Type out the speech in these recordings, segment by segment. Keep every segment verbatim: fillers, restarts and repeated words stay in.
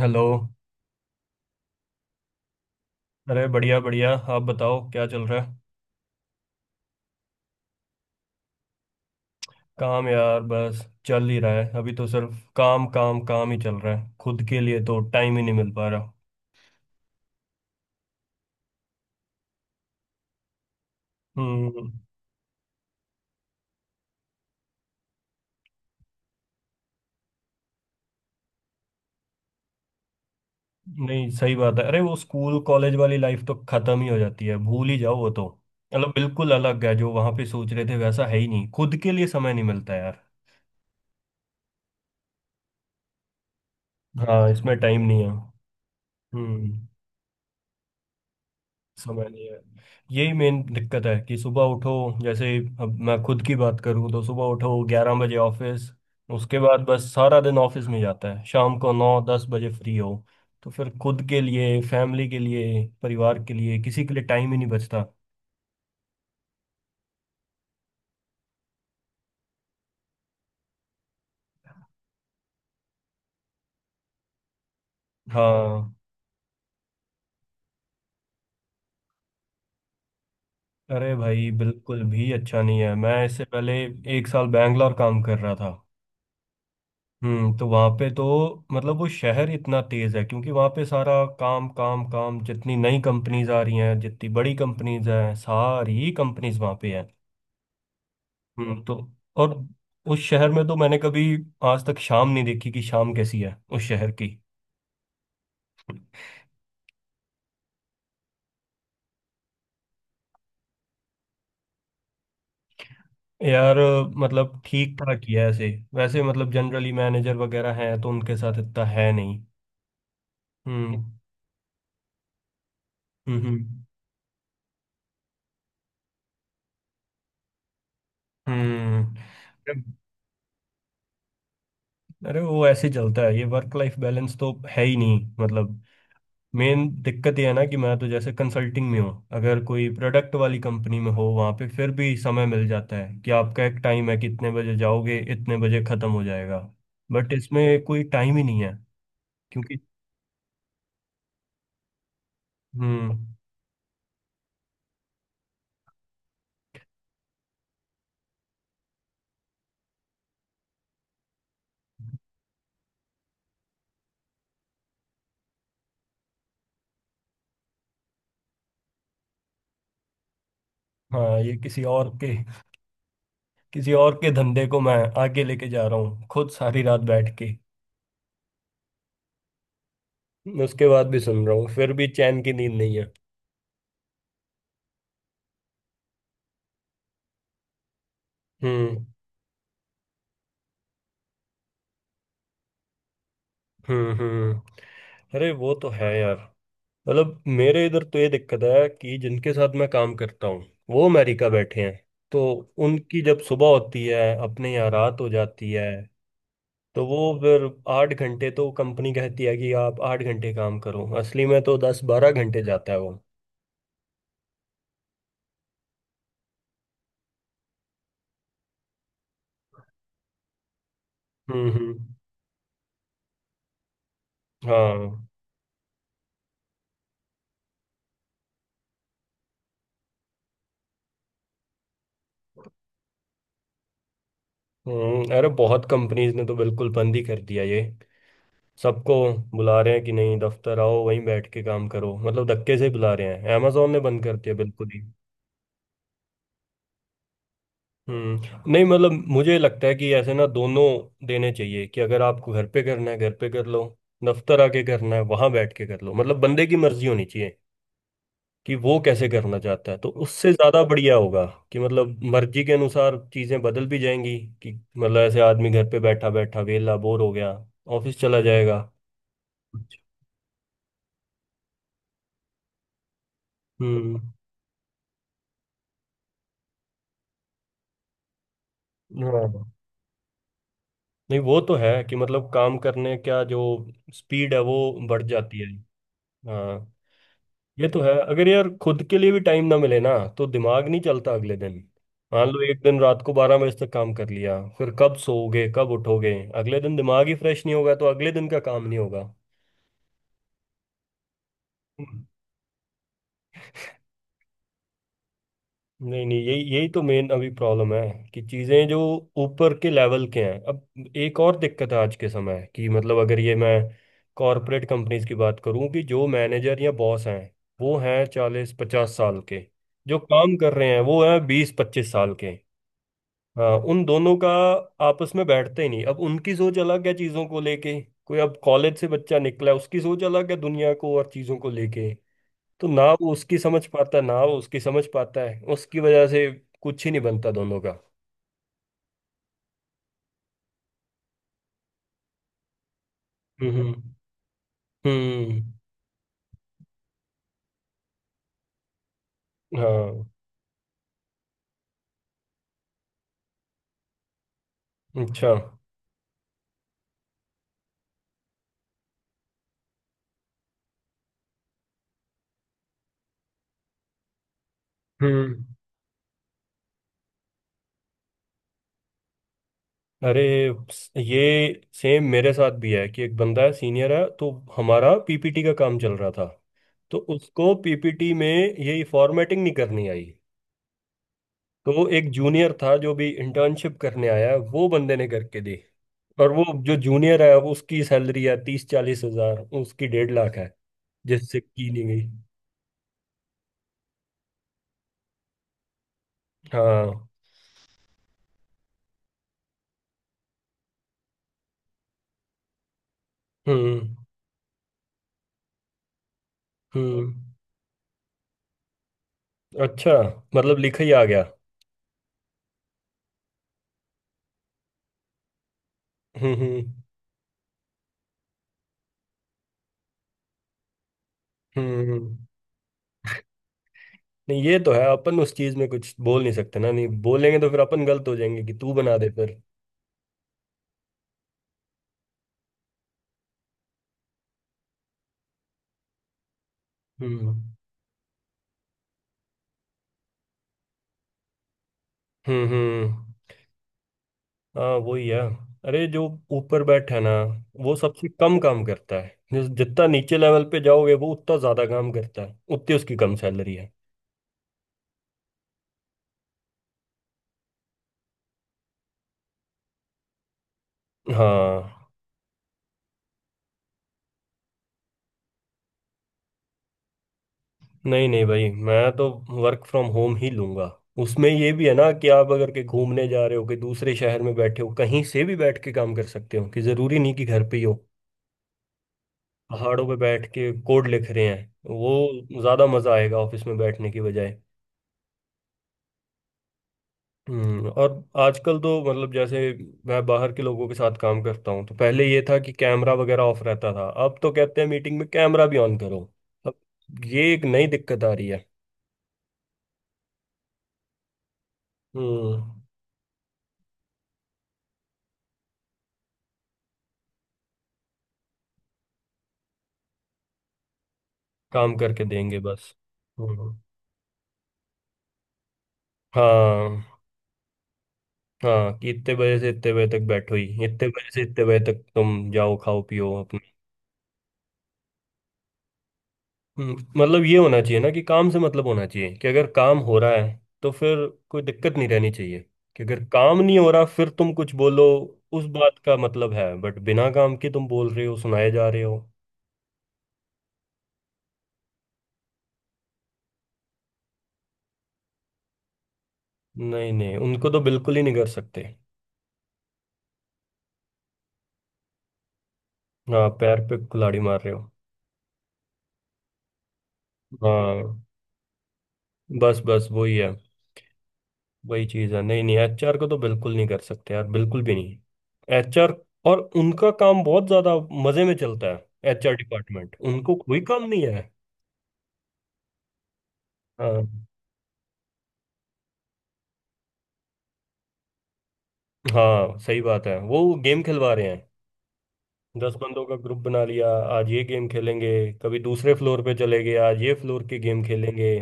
Hello. अरे, बढ़िया बढ़िया, आप बताओ क्या चल रहा है। काम यार, बस चल ही रहा है। अभी तो सिर्फ काम काम काम ही चल रहा है, खुद के लिए तो टाइम ही नहीं मिल पा रहा। हम्म। नहीं, सही बात है। अरे वो स्कूल कॉलेज वाली लाइफ तो खत्म ही हो जाती है, भूल ही जाओ वो तो। मतलब बिल्कुल अलग है, जो वहां पे सोच रहे थे वैसा है ही नहीं। खुद के लिए समय नहीं मिलता यार। हाँ, इसमें टाइम नहीं है। हम्म। समय नहीं है। यही मेन दिक्कत है कि सुबह उठो। जैसे अब मैं खुद की बात करूँ, तो सुबह उठो, ग्यारह बजे ऑफिस। उसके बाद बस सारा दिन ऑफिस में जाता है, शाम को नौ दस बजे फ्री हो। तो फिर खुद के लिए, फैमिली के लिए, परिवार के लिए, किसी के लिए टाइम ही नहीं बचता। हाँ। अरे भाई, बिल्कुल भी अच्छा नहीं है। मैं इससे पहले एक साल बैंगलोर काम कर रहा था। हम्म। तो वहाँ पे तो मतलब वो शहर इतना तेज है, क्योंकि वहाँ पे सारा काम काम काम। जितनी नई कंपनीज आ रही हैं, जितनी बड़ी कंपनीज हैं, सारी कंपनीज वहाँ पे हैं। हम्म। तो और उस शहर में तो मैंने कभी आज तक शाम नहीं देखी, कि शाम कैसी है उस शहर की। यार मतलब ठीक ठाक ही है ऐसे। वैसे मतलब जनरली मैनेजर वगैरह हैं, तो उनके साथ इतना है नहीं। हम्म। हम्म। हम्म। हम्म। अरे वो ऐसे चलता है, ये वर्क लाइफ बैलेंस तो है ही नहीं, मतलब। मेन दिक्कत ये है ना कि मैं तो जैसे कंसल्टिंग में हूँ। अगर कोई प्रोडक्ट वाली कंपनी में हो, वहाँ पे फिर भी समय मिल जाता है, कि आपका एक टाइम है कि इतने बजे जाओगे, इतने बजे ख़त्म हो जाएगा। बट इसमें कोई टाइम ही नहीं है, क्योंकि। हम्म। हाँ, ये किसी और के किसी और के धंधे को मैं आगे लेके जा रहा हूँ, खुद सारी रात बैठ के। उसके बाद भी सुन रहा हूँ, फिर भी चैन की नींद नहीं है। हम्म। हम्म। हम्म। अरे वो तो है यार। मतलब मेरे इधर तो ये दिक्कत है, कि जिनके साथ मैं काम करता हूँ, वो अमेरिका बैठे हैं। तो उनकी जब सुबह होती है, अपने यहाँ रात हो जाती है। तो वो फिर आठ घंटे तो कंपनी कहती है कि आप आठ घंटे काम करो, असली में तो दस बारह घंटे जाता है वो। हम्म। हम्म। हाँ। हम्म, अरे बहुत कंपनीज ने तो बिल्कुल बंद ही कर दिया ये। सबको बुला रहे हैं, कि नहीं दफ्तर आओ, वहीं बैठ के काम करो। मतलब धक्के से ही बुला रहे हैं। अमेजोन ने बंद कर दिया बिल्कुल। हम्म। नहीं, मतलब मुझे लगता है कि ऐसे ना दोनों देने चाहिए। कि अगर आपको घर पे करना है, घर पे कर लो। दफ्तर आके करना है, वहां बैठ के कर लो। मतलब बंदे की मर्जी होनी चाहिए कि वो कैसे करना चाहता है, तो उससे ज्यादा बढ़िया होगा। कि मतलब मर्जी के अनुसार चीजें बदल भी जाएंगी। कि मतलब ऐसे आदमी घर पे बैठा बैठा वेला बोर हो गया, ऑफिस चला जाएगा। हम्म। हाँ। नहीं, वो तो है कि मतलब काम करने का जो स्पीड है, वो बढ़ जाती है। हाँ, ये तो है। अगर यार खुद के लिए भी टाइम ना मिले ना, तो दिमाग नहीं चलता अगले दिन। मान लो एक दिन रात को बारह बजे तक काम कर लिया, फिर कब सोओगे कब उठोगे। अगले दिन दिमाग ही फ्रेश नहीं होगा, तो अगले दिन का काम नहीं होगा। हम्म। नहीं नहीं, यही यही तो मेन अभी प्रॉब्लम है। कि चीजें जो ऊपर के लेवल के हैं। अब एक और दिक्कत है आज के समय, कि मतलब अगर ये मैं कॉरपोरेट कंपनीज की बात करूं, कि जो मैनेजर या बॉस हैं, वो हैं चालीस पचास साल के। जो काम कर रहे हैं, वो हैं बीस पच्चीस साल के। हाँ, उन दोनों का आपस में बैठते ही नहीं। अब उनकी सोच अलग है चीज़ों को लेके। कोई अब कॉलेज से बच्चा निकला है, उसकी सोच अलग है दुनिया को और चीज़ों को लेके। तो ना वो उसकी समझ पाता, ना वो उसकी समझ पाता है। उसकी वजह से कुछ ही नहीं बनता दोनों का। हम्म। हम्म। हाँ। अच्छा। हम्म। अरे, स- ये सेम मेरे साथ भी है, कि एक बंदा है सीनियर है। तो हमारा पीपीटी का काम चल रहा था, तो उसको पीपीटी में ये फॉर्मेटिंग नहीं करनी आई। तो एक जूनियर था जो भी इंटर्नशिप करने आया, वो बंदे ने करके दी। और वो जो जूनियर है, वो उसकी सैलरी है तीस चालीस हजार, उसकी डेढ़ लाख है। जिससे की नहीं गई। हाँ। हम्म। हम्म। अच्छा। मतलब लिखा ही आ गया। हम्म। हम्म। हम्म। हम्म। नहीं ये तो है, अपन उस चीज में कुछ बोल नहीं सकते ना। नहीं बोलेंगे तो फिर अपन गलत हो जाएंगे, कि तू बना दे फिर। हम्म। हम्म। हम्म। हाँ, वही है। अरे, जो ऊपर बैठा है ना, वो सबसे कम काम करता है। जिस जितना नीचे लेवल पे जाओगे, वो उतना ज्यादा काम करता है, उतनी उसकी कम सैलरी है। हाँ। नहीं नहीं भाई, मैं तो वर्क फ्रॉम होम ही लूंगा। उसमें ये भी है ना कि आप अगर के घूमने जा रहे हो, कि दूसरे शहर में बैठे हो, कहीं से भी बैठ के काम कर सकते हो। कि जरूरी नहीं कि घर पे ही हो। पहाड़ों पे बैठ के कोड लिख रहे हैं, वो ज्यादा मजा आएगा ऑफिस में बैठने की बजाय। हम्म। और आजकल तो मतलब जैसे मैं बाहर के लोगों के साथ काम करता हूँ, तो पहले ये था कि कैमरा वगैरह ऑफ रहता था, अब तो कहते हैं मीटिंग में कैमरा भी ऑन करो। अब ये एक नई दिक्कत आ रही है। हम्म। काम करके देंगे बस। हम्म। हाँ। हाँ, कि इतने बजे से इतने बजे तक बैठो ही, इतने बजे से इतने बजे तक तुम जाओ खाओ पियो। हम्म, मतलब ये होना चाहिए ना कि काम से मतलब होना चाहिए। कि अगर काम हो रहा है, तो फिर कोई दिक्कत नहीं रहनी चाहिए। कि अगर काम नहीं हो रहा, फिर तुम कुछ बोलो, उस बात का मतलब है। बट बिना काम के तुम बोल रहे हो, सुनाए जा रहे हो। नहीं नहीं, उनको तो बिल्कुल ही नहीं कर सकते। हाँ, पैर पे कुल्हाड़ी मार रहे हो। हाँ। बस बस वही है। वही चीज़ है। नहीं नहीं एचआर को तो बिल्कुल नहीं कर सकते यार, बिल्कुल भी नहीं। एचआर और उनका काम बहुत ज्यादा मजे में चलता है। एचआर डिपार्टमेंट, उनको कोई काम नहीं है। हाँ। हाँ, सही बात है, वो गेम खिलवा रहे हैं। दस बंदों का ग्रुप बना लिया, आज ये गेम खेलेंगे। कभी दूसरे फ्लोर पे चले गए, आज ये फ्लोर के गेम खेलेंगे।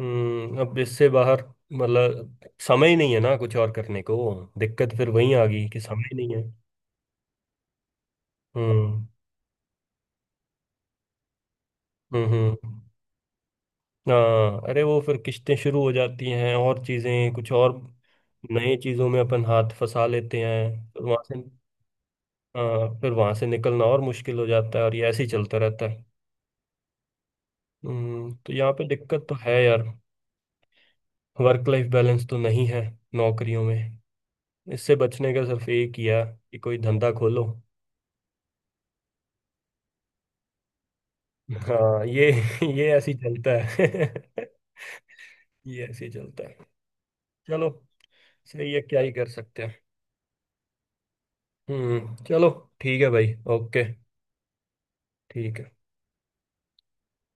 हम्म। अब इससे बाहर मतलब समय ही नहीं है ना कुछ और करने को। दिक्कत फिर वही आ गई, कि समय ही नहीं है। हम्म। हम्म। हम्म, हाँ, अरे वो फिर किस्तें शुरू हो जाती हैं और चीजें कुछ और। नए चीजों में अपन हाथ फंसा लेते हैं, फिर वहां से। हाँ, फिर वहां से निकलना और मुश्किल हो जाता है, और ये ऐसे ही चलता रहता है। हम्म, तो यहाँ पे दिक्कत तो है यार। वर्क लाइफ बैलेंस तो नहीं है नौकरियों में। इससे बचने का सिर्फ एक ही है, कि कोई धंधा खोलो। हाँ। ये ये ऐसे ही चलता है। ये ऐसे ही चलता है। चलो, सही है, क्या ही कर सकते हैं। हम्म, चलो, ठीक है भाई, ओके। ठीक है।